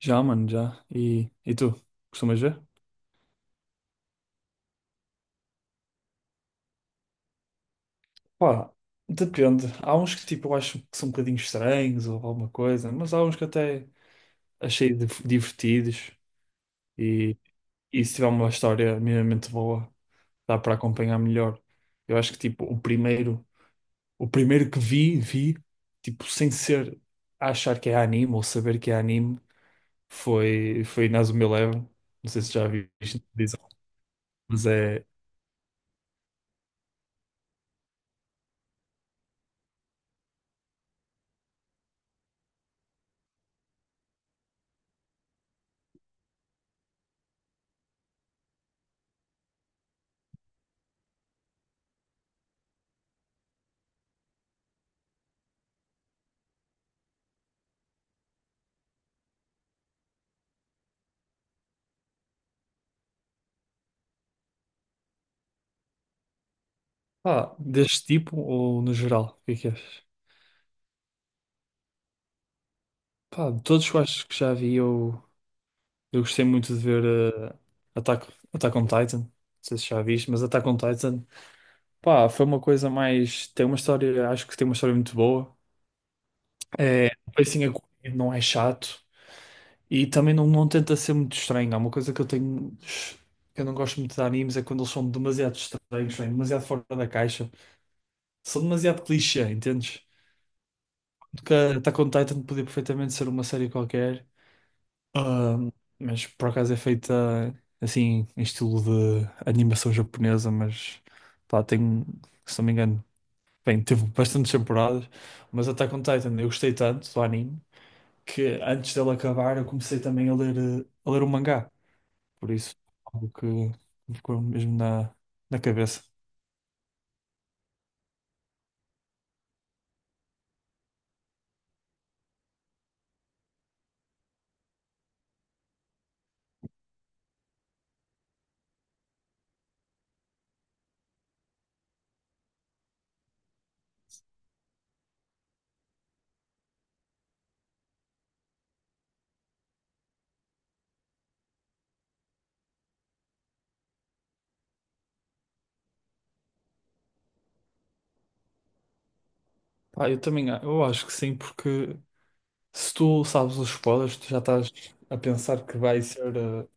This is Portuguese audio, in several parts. Já, mano, já. E tu? Costumas ver? Pá, depende. Há uns que tipo eu acho que são um bocadinho estranhos ou alguma coisa, mas há uns que até achei divertidos e, e se tiver uma história minimamente boa, dá para acompanhar melhor. Eu acho que tipo o primeiro que vi, tipo sem ser a achar que é anime ou saber que é anime, foi Inazuma Eleven. Não sei se já viste, dizem, mas é, pá, deste tipo ou no geral, o que é que achas? Pá, de todos que eu acho que já vi, eu gostei muito de ver Attack, Attack on Titan. Não sei se já viste, mas Attack on Titan, pá, foi uma coisa mais. Tem uma história, acho que tem uma história muito boa. É, o pacing é corrido, não é chato e também não tenta ser muito estranho. Há uma coisa que eu tenho, que eu não gosto muito de animes é quando eles são demasiado estranhos, bem, demasiado fora da caixa, são demasiado clichê, entendes? Porque Attack on Titan podia perfeitamente ser uma série qualquer. Ah, mas por acaso é feita assim, em estilo de animação japonesa, mas pá, tem, se não me engano, bem, teve bastantes temporadas, mas Attack on Titan, eu gostei tanto do anime que antes dele acabar eu comecei também a ler o mangá, por isso algo que me ficou mesmo na cabeça. Pá, eu também eu acho que sim, porque se tu sabes os spoilers, tu já estás a pensar que vai ser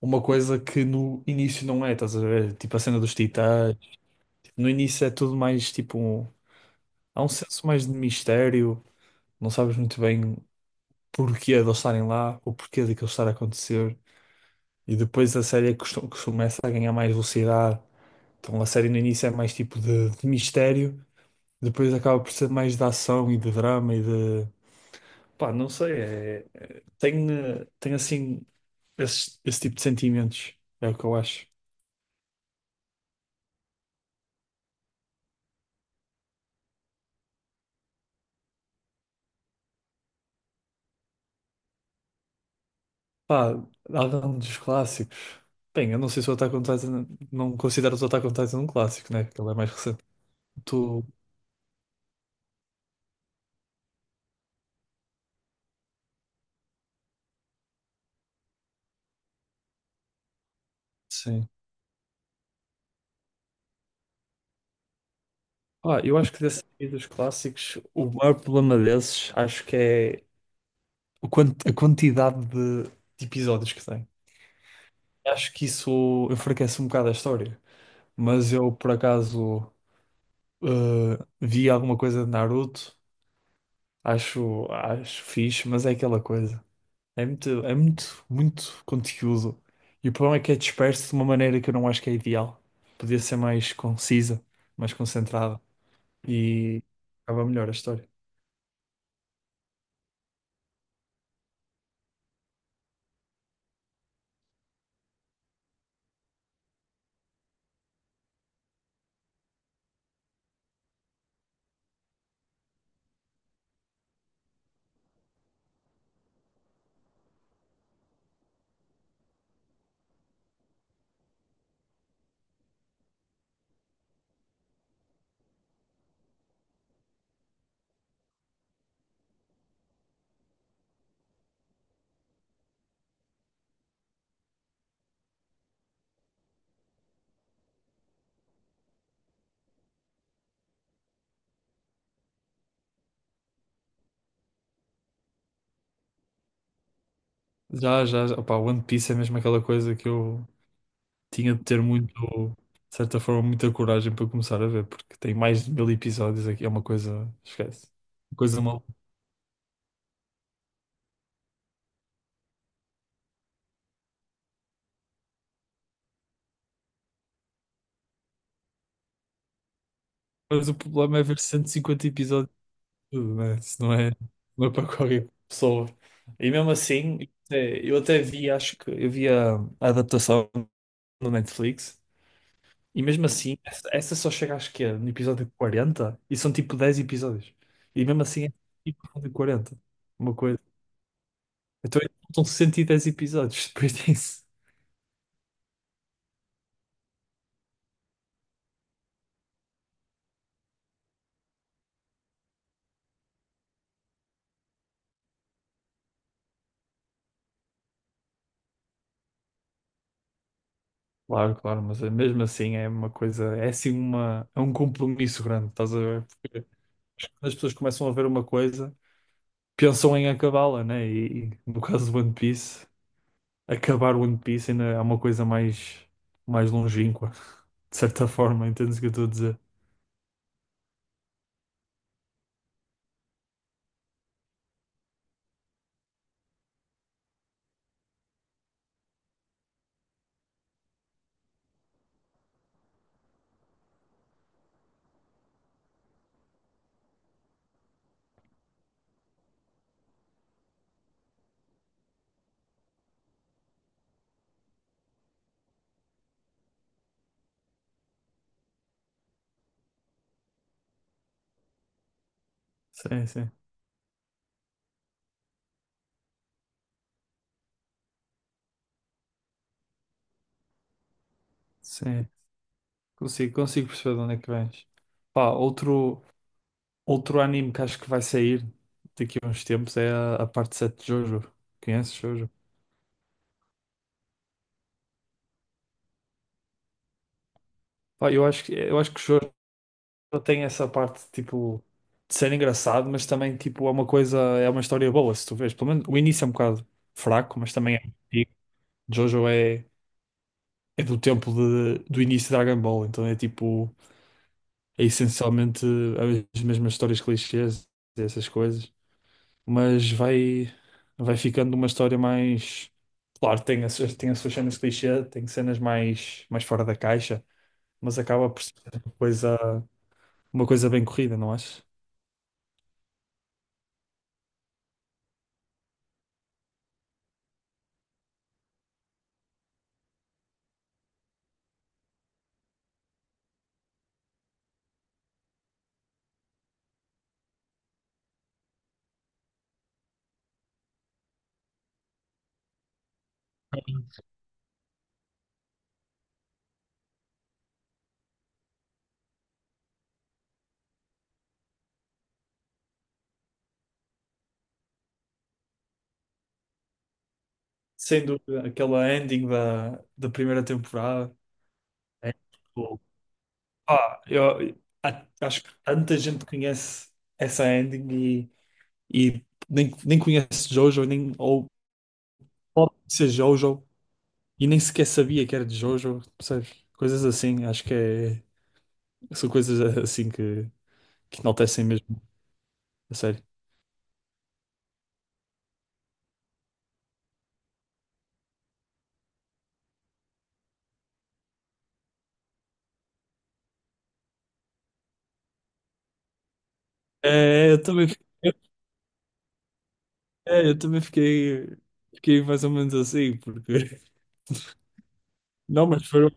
uma coisa que no início não é, estás a ver? Tipo a cena dos titãs. Tipo, no início é tudo mais tipo, há um senso mais de mistério, não sabes muito bem porquê de eles estarem lá, o porquê de aquilo estar a acontecer. E depois a série começa a ganhar mais velocidade. Então a série no início é mais tipo de mistério, depois acaba por ser mais de ação e de drama e de. Pá, não sei, tem assim esse tipo de sentimentos, é o que eu acho. Pá, algum dos clássicos. Bem, eu não sei se o Attack on Titan. Não considero o Attack on Titan um clássico, né? Porque ele é mais recente. Tu. Sim. Ah, eu acho que desses aí dos clássicos, o maior problema desses, acho que é o a quantidade de episódios que tem. Acho que isso enfraquece um bocado a história. Mas eu, por acaso, vi alguma coisa de Naruto. Acho fixe, mas é aquela coisa. É muito, muito conteúdo. E o problema é que é disperso de uma maneira que eu não acho que é ideal. Podia ser mais concisa, mais concentrada. E acaba melhor a história. Já, já, já. Opá, One Piece é mesmo aquela coisa que eu tinha de ter muito, de certa forma, muita coragem para começar a ver, porque tem mais de 1000 episódios aqui. É uma coisa, esquece. Uma coisa mal. Mas o problema é ver 150 episódios, né? Isso não é para qualquer pessoa. E mesmo assim, eu até vi, acho que eu vi a adaptação no Netflix, e mesmo assim, essa só chega acho que é no episódio 40 e são tipo 10 episódios. E mesmo assim, é tipo episódio 40 uma coisa. Então, são 110 episódios depois disso. Claro, mas mesmo assim é uma coisa, é assim uma, é um compromisso grande, estás a ver? Porque quando as pessoas começam a ver uma coisa, pensam em acabá-la, né? E no caso do One Piece, acabar o One Piece ainda é uma coisa mais longínqua, de certa forma, entendes o que eu estou a dizer? Sim, sim, sim. Consigo perceber de onde é que vens. Pá, outro anime que acho que vai sair daqui a uns tempos é a parte 7 de Jojo. Conheces Jojo? Pá, eu acho que Jojo tem essa parte, tipo, de ser engraçado, mas também, tipo, é uma coisa, é uma história boa, se tu vês. Pelo menos o início é um bocado fraco, mas também é antigo. Jojo é do tempo do início de Dragon Ball, então é tipo, é essencialmente as mesmas histórias clichês, essas coisas, mas vai ficando uma história mais. Claro, tem as suas cenas clichê, tem cenas mais fora da caixa, mas acaba por ser uma coisa, uma coisa bem corrida, não achas? Sem dúvida, aquela ending da primeira temporada. É tipo, pá, acho que tanta gente conhece essa ending e nem conhece Jojo, nem, ou pode ser Jojo, e nem sequer sabia que era de Jojo, percebes? Coisas assim, acho que é, são coisas assim que enaltecem mesmo, a sério. É, eu também, fi- é, eu também fiquei mais ou menos assim, porque. Não, mas, foi,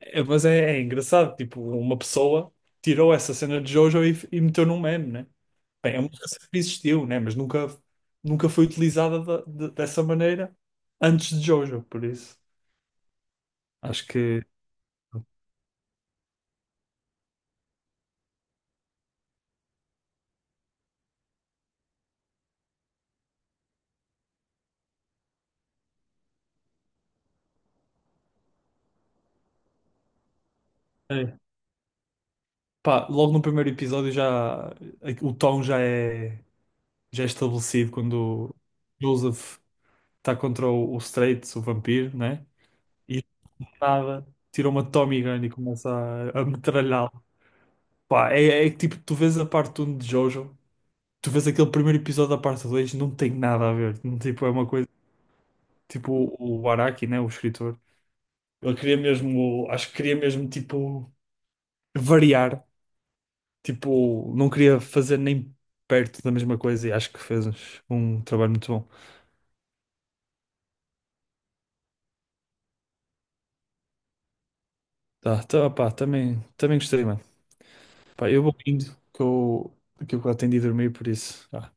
é, mas é engraçado, tipo, uma pessoa tirou essa cena de Jojo e meteu num meme, né? Bem, é uma coisa que existiu, né? Mas nunca foi utilizada dessa maneira antes de Jojo, por isso. Acho que é. Pá, logo no primeiro episódio já o tom já é estabelecido quando o Joseph está contra o Straits, o vampiro, né? E do nada tira uma Tommy Gun e começa a metralhá-lo. Pá, é que tipo, tu vês a parte um de Jojo, tu vês aquele primeiro episódio da parte 2 não tem nada a ver. Não, tipo, é uma coisa, tipo o Araki, né? O escritor. Ele queria mesmo, acho que queria mesmo tipo variar. Tipo, não queria fazer nem perto da mesma coisa e acho que fez um trabalho muito bom. Tá, tá, pá, também gostei, mano. Pá, eu vou indo, que eu, que eu, quase tenho de ir dormir, por isso. Tá.